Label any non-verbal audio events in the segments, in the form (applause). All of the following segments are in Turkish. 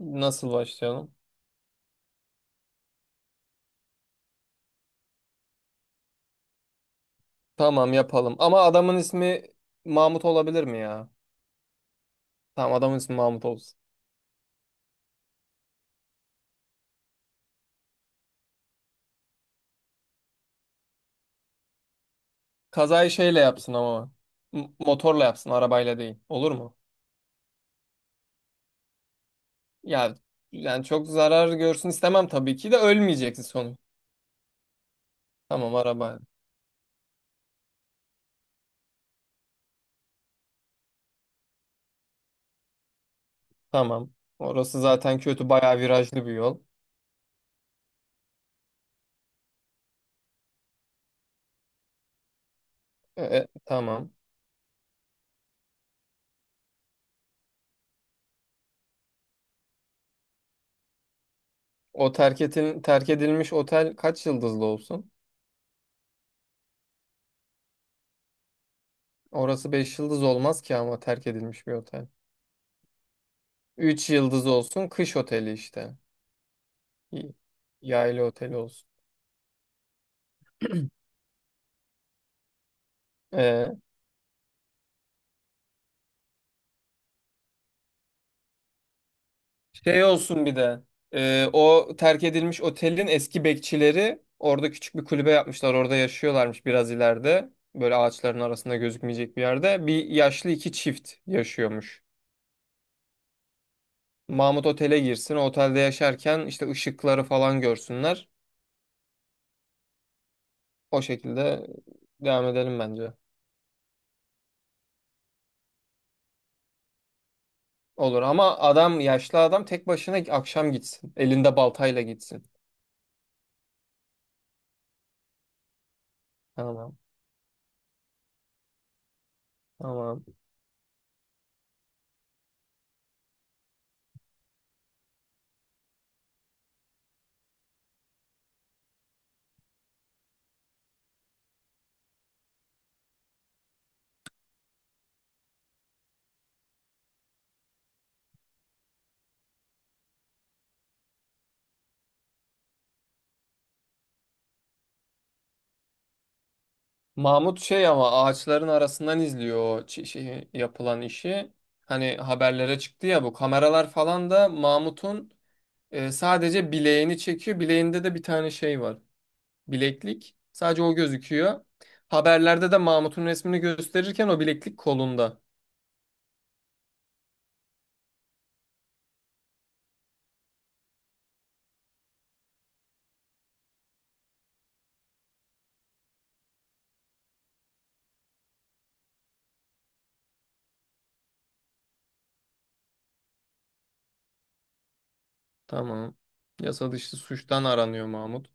Nasıl başlayalım? Tamam yapalım. Ama adamın ismi Mahmut olabilir mi ya? Tamam adamın ismi Mahmut olsun. Kazayı şeyle yapsın ama. Motorla yapsın, arabayla değil. Olur mu? Ya yani çok zarar görsün istemem, tabii ki de ölmeyeceksin sonu. Tamam araba. Tamam. Orası zaten kötü, bayağı virajlı bir yol. Tamam. O terk edilmiş otel kaç yıldızlı olsun? Orası 5 yıldız olmaz ki ama, terk edilmiş bir otel. 3 yıldız olsun, kış oteli işte. Y- Yaylı otel olsun. Ee, Şey olsun bir de. O terk edilmiş otelin eski bekçileri orada küçük bir kulübe yapmışlar. Orada yaşıyorlarmış biraz ileride. Böyle ağaçların arasında gözükmeyecek bir yerde. Bir yaşlı iki çift yaşıyormuş. Mahmut otele girsin. O otelde yaşarken işte ışıkları falan görsünler. O şekilde devam edelim bence. Olur ama adam, yaşlı adam tek başına akşam gitsin. Elinde baltayla gitsin. Tamam. Tamam. Mahmut şey ama, ağaçların arasından izliyor o şey, yapılan işi. Hani haberlere çıktı ya bu kameralar falan da, Mahmut'un sadece bileğini çekiyor. Bileğinde de bir tane şey var. Bileklik. Sadece o gözüküyor. Haberlerde de Mahmut'un resmini gösterirken o bileklik kolunda. Tamam. Yasa dışı suçtan aranıyor Mahmut.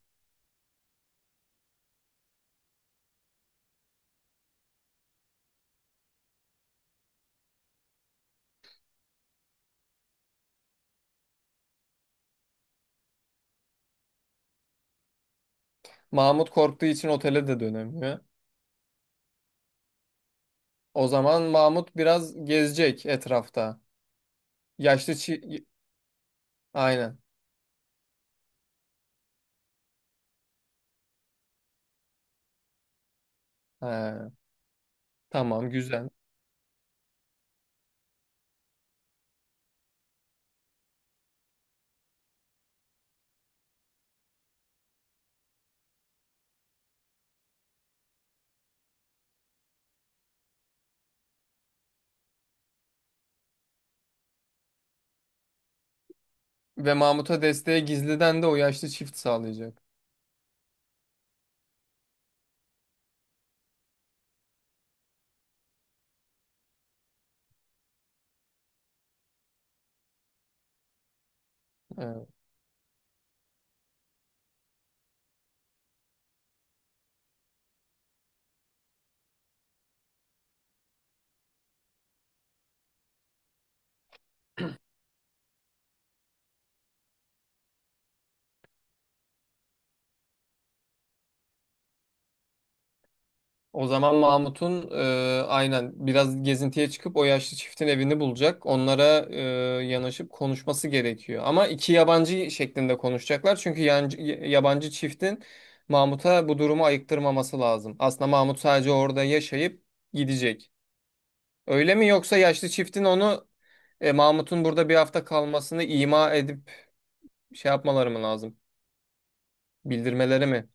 Mahmut korktuğu için otele de dönemiyor. O zaman Mahmut biraz gezecek etrafta. Yaşlı çi... Aynen. He, tamam güzel. Ve Mahmut'a desteğe gizliden de o yaşlı çift sağlayacak. Evet. O zaman Mahmut'un aynen biraz gezintiye çıkıp o yaşlı çiftin evini bulacak. Onlara yanaşıp konuşması gerekiyor. Ama iki yabancı şeklinde konuşacaklar. Çünkü yabancı çiftin Mahmut'a bu durumu ayıktırmaması lazım. Aslında Mahmut sadece orada yaşayıp gidecek. Öyle mi, yoksa yaşlı çiftin onu, Mahmut'un burada bir hafta kalmasını ima edip şey yapmaları mı lazım? Bildirmeleri mi?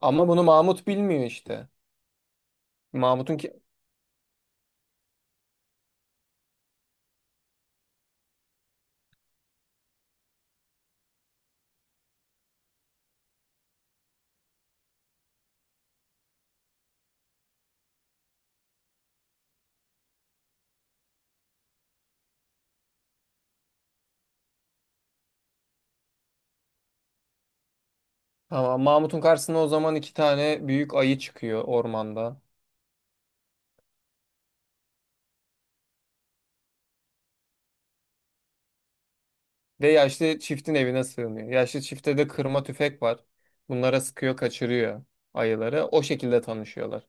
Ama bunu Mahmut bilmiyor işte. Mahmut'un ki tamam, Mahmut'un karşısına o zaman iki tane büyük ayı çıkıyor ormanda. Ve yaşlı çiftin evine sığınıyor. Yaşlı çifte de kırma tüfek var. Bunlara sıkıyor, kaçırıyor ayıları. O şekilde tanışıyorlar.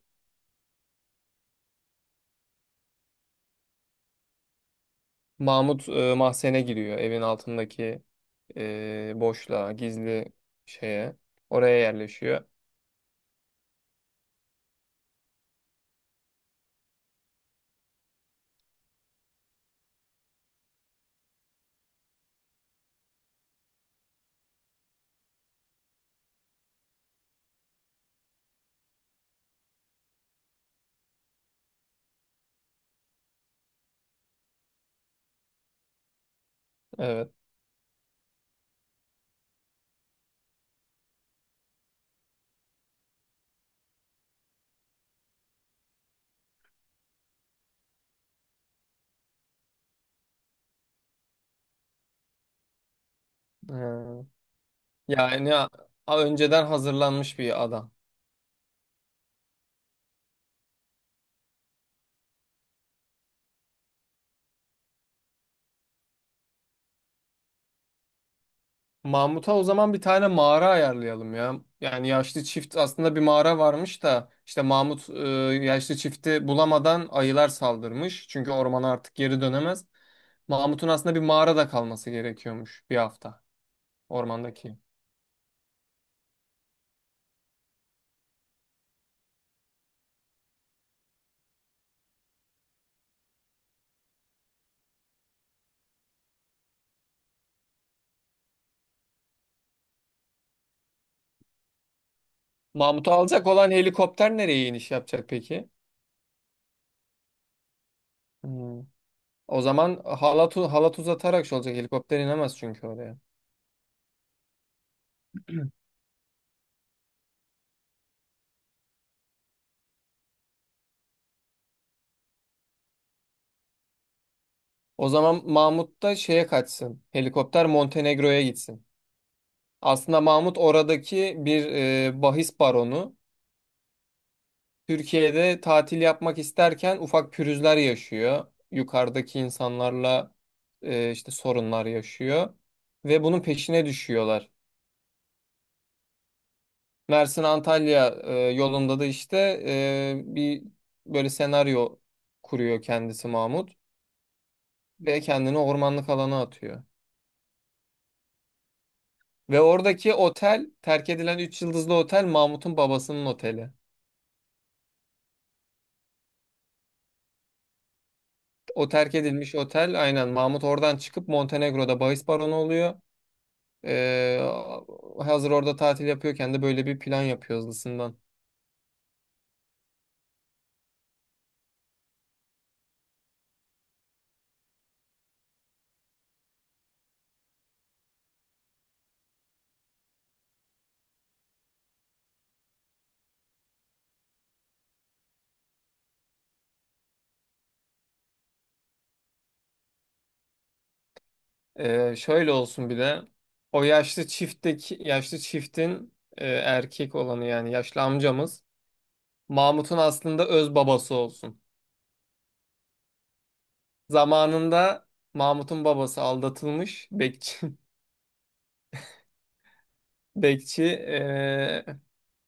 Mahmut mahzene giriyor. Evin altındaki boşluğa, gizli şeye. Oraya yerleşiyor. Evet. Hmm. Yani önceden hazırlanmış bir adam. Mahmut'a o zaman bir tane mağara ayarlayalım ya. Yani yaşlı çift aslında bir mağara varmış da, işte Mahmut yaşlı çifti bulamadan ayılar saldırmış. Çünkü ormana artık geri dönemez. Mahmut'un aslında bir mağarada kalması gerekiyormuş bir hafta, ormandaki. Mahmut'u alacak olan helikopter nereye iniş yapacak peki? Hmm. O zaman halat uzatarak şey olacak. Helikopter inemez çünkü oraya. O zaman Mahmut da şeye kaçsın. Helikopter Montenegro'ya gitsin. Aslında Mahmut oradaki bir bahis baronu. Türkiye'de tatil yapmak isterken ufak pürüzler yaşıyor. Yukarıdaki insanlarla işte sorunlar yaşıyor. Ve bunun peşine düşüyorlar. Mersin-Antalya yolunda da işte bir böyle senaryo kuruyor kendisi Mahmut. Ve kendini ormanlık alana atıyor. Ve oradaki otel, terk edilen 3 yıldızlı otel, Mahmut'un babasının oteli. O terk edilmiş otel, aynen, Mahmut oradan çıkıp Montenegro'da bahis baronu oluyor. Ee, Hazır orada tatil yapıyorken de böyle bir plan yapıyor hızlısından. Şöyle olsun bir de, o yaşlı çiftteki yaşlı çiftin erkek olanı, yani yaşlı amcamız, Mahmut'un aslında öz babası olsun. Zamanında Mahmut'un babası aldatılmış, bekçi (laughs) bekçi e,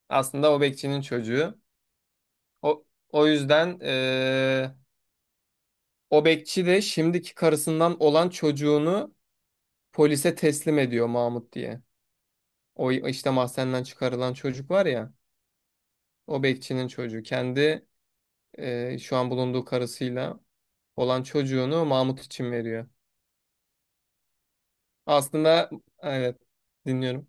aslında o bekçinin çocuğu. O, O yüzden o bekçi de şimdiki karısından olan çocuğunu polise teslim ediyor Mahmut diye. O işte mahzenden çıkarılan çocuk var ya. O bekçinin çocuğu. Kendi şu an bulunduğu karısıyla olan çocuğunu Mahmut için veriyor. Aslında evet, dinliyorum.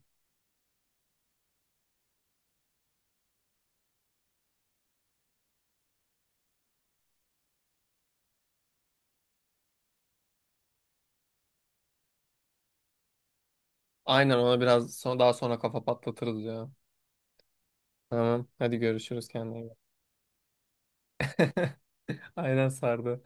Aynen, ona biraz daha sonra kafa patlatırız ya. Tamam hadi görüşürüz, kendine iyi bak. Aynen, sardı.